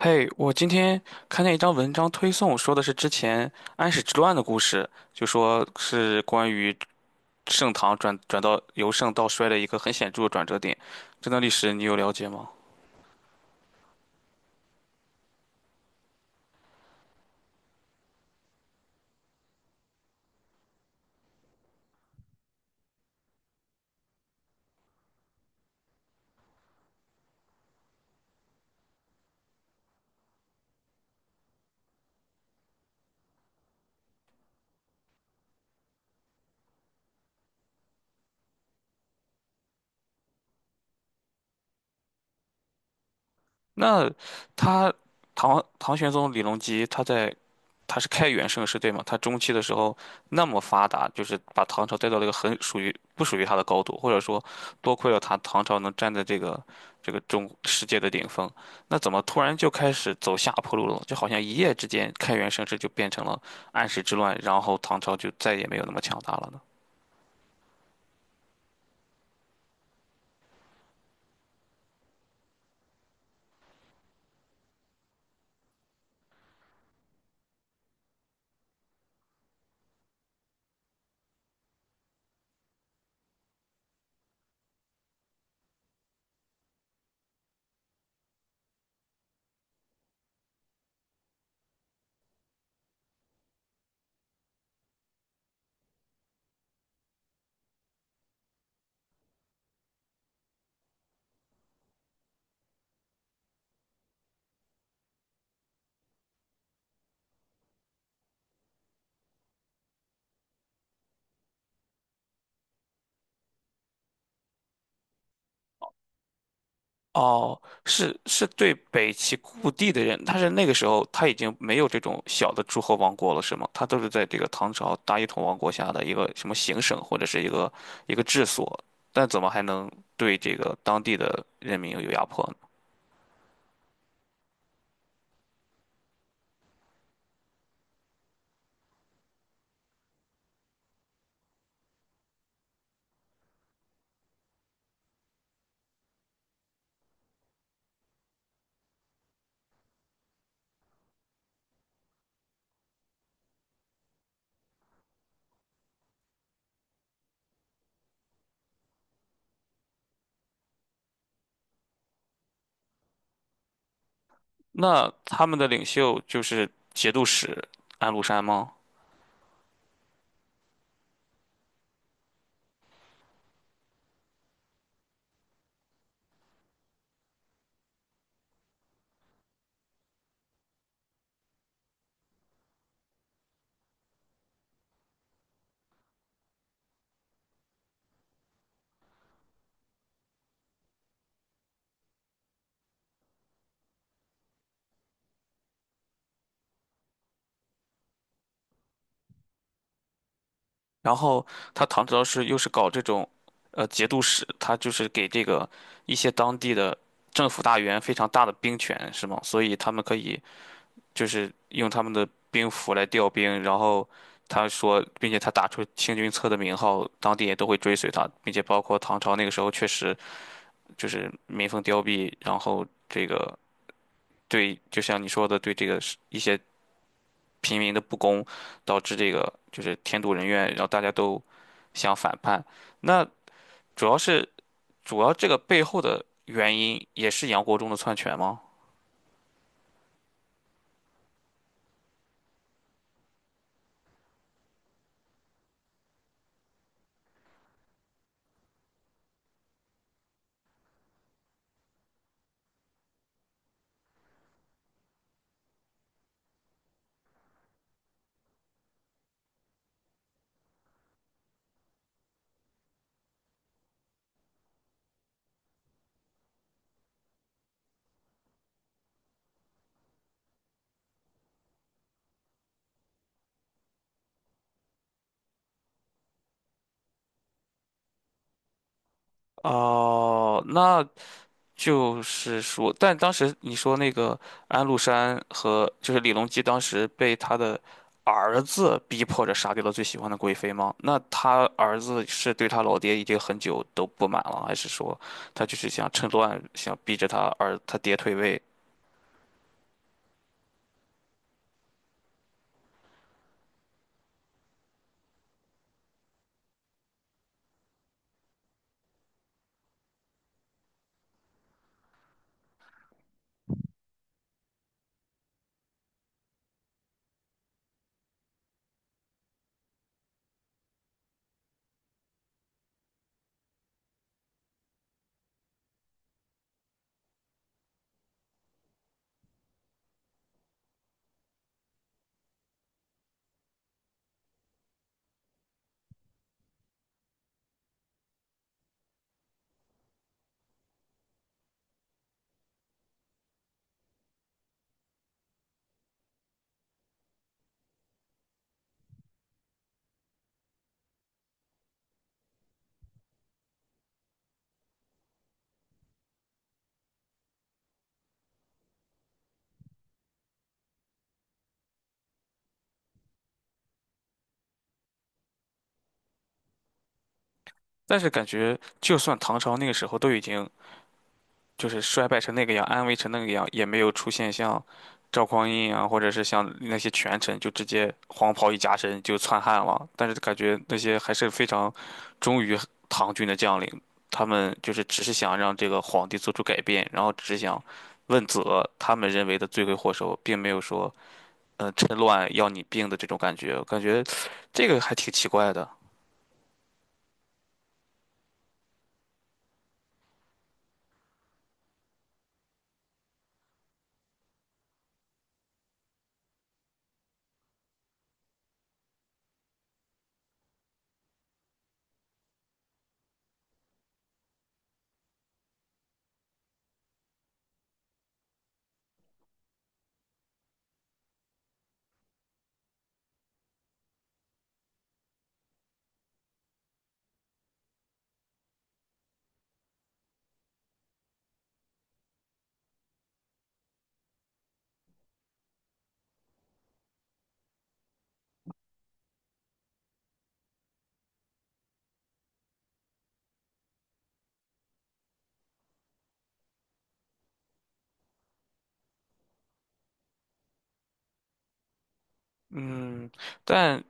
嘿，我今天看见一张文章推送，说的是之前安史之乱的故事，就说是关于盛唐转到由盛到衰的一个很显著的转折点。这段历史你有了解吗？那他唐玄宗李隆基他是开元盛世对吗？他中期的时候那么发达，就是把唐朝带到了一个很属于不属于他的高度，或者说多亏了他，唐朝能站在这个中世界的顶峰。那怎么突然就开始走下坡路了？就好像一夜之间开元盛世就变成了安史之乱，然后唐朝就再也没有那么强大了呢？哦，是是对北齐故地的人，但是那个时候他已经没有这种小的诸侯王国了，是吗？他都是在这个唐朝大一统王国下的一个什么行省或者是一个一个治所，但怎么还能对这个当地的人民有压迫呢？那他们的领袖就是节度使安禄山吗？然后他唐朝是又是搞这种，节度使，他就是给这个一些当地的政府大员非常大的兵权，是吗？所以他们可以。就是用他们的兵符来调兵，然后他说，并且他打出清君侧的名号，当地也都会追随他，并且包括唐朝那个时候确实就是民风凋敝，然后这个，对，就像你说的，对这个是一些平民的不公，导致这个就是天妒人怨，然后大家都想反叛。那主要是主要这个背后的原因也是杨国忠的篡权吗？哦，那就是说，但当时你说那个安禄山和就是李隆基，当时被他的儿子逼迫着杀掉了最喜欢的贵妃吗？那他儿子是对他老爹已经很久都不满了，还是说他就是想趁乱想逼着他爹退位？但是感觉就算唐朝那个时候都已经就是衰败成那个样，安危成那个样，也没有出现像赵匡胤啊，或者是像那些权臣就直接黄袍一加身就篡汉了。但是感觉那些还是非常忠于唐军的将领，他们就是只是想让这个皇帝做出改变，然后只是想问责他们认为的罪魁祸首，并没有说趁乱要你病的这种感觉。我感觉这个还挺奇怪的。嗯，但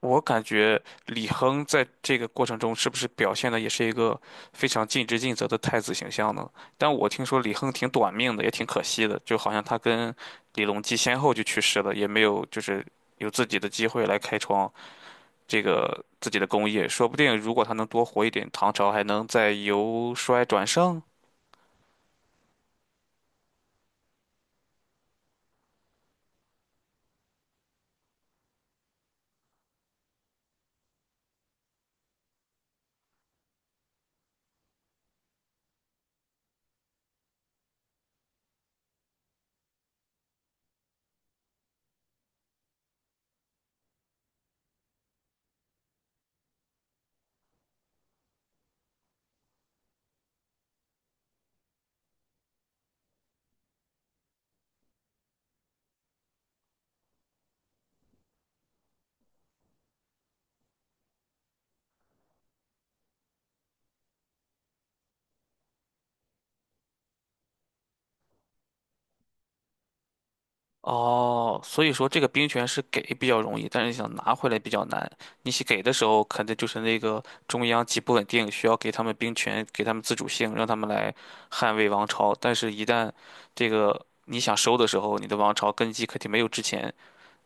我感觉李亨在这个过程中是不是表现的也是一个非常尽职尽责的太子形象呢？但我听说李亨挺短命的，也挺可惜的，就好像他跟李隆基先后就去世了，也没有就是有自己的机会来开创这个自己的功业。说不定如果他能多活一点，唐朝还能再由衰转盛。哦，所以说这个兵权是给比较容易，但是你想拿回来比较难。你去给的时候，肯定就是那个中央极不稳定，需要给他们兵权，给他们自主性，让他们来捍卫王朝。但是，一旦这个你想收的时候，你的王朝根基肯定没有之前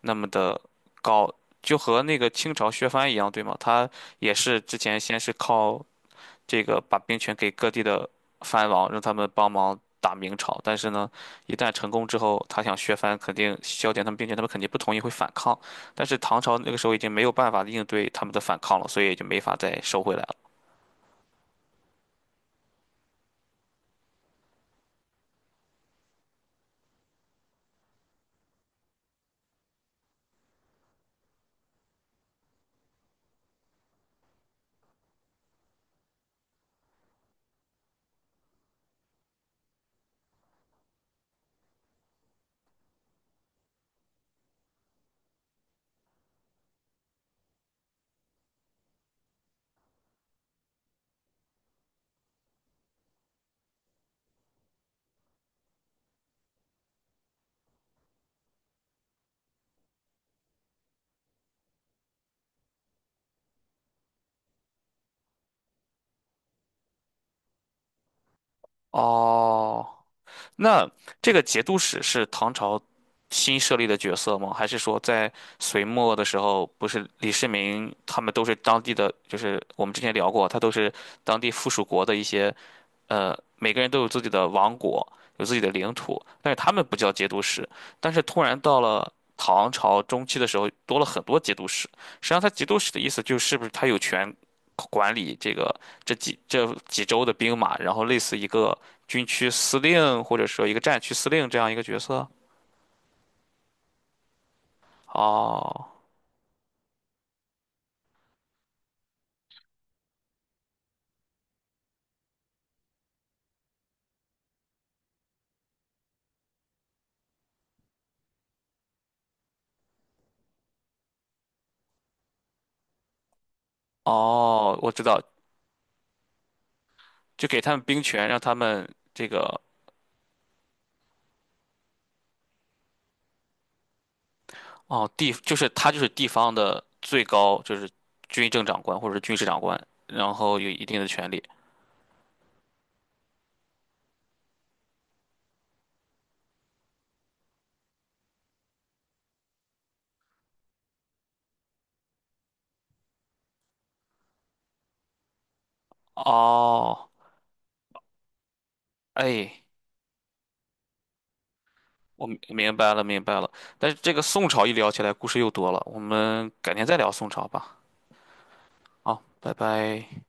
那么的高，就和那个清朝削藩一样，对吗？他也是之前先是靠这个把兵权给各地的藩王，让他们帮忙打明朝。但是呢，一旦成功之后，他想削藩，肯定削减他们兵权，他们肯定不同意，会反抗。但是唐朝那个时候已经没有办法应对他们的反抗了，所以也就没法再收回来了。哦，那这个节度使是唐朝新设立的角色吗？还是说在隋末的时候，不是李世民他们都是当地的，就是我们之前聊过，他都是当地附属国的一些。每个人都有自己的王国，有自己的领土，但是他们不叫节度使。但是突然到了唐朝中期的时候，多了很多节度使。实际上，他节度使的意思就是不是他有权管理这个这几州的兵马，然后类似一个军区司令或者说一个战区司令这样一个角色。哦哦，我知道，就给他们兵权，让他们这个。哦，地就是他就是地方的最高就是军政长官或者军事长官，然后有一定的权利。哦，哎，我明白了明白了。但是这个宋朝一聊起来，故事又多了，我们改天再聊宋朝吧。好，拜拜。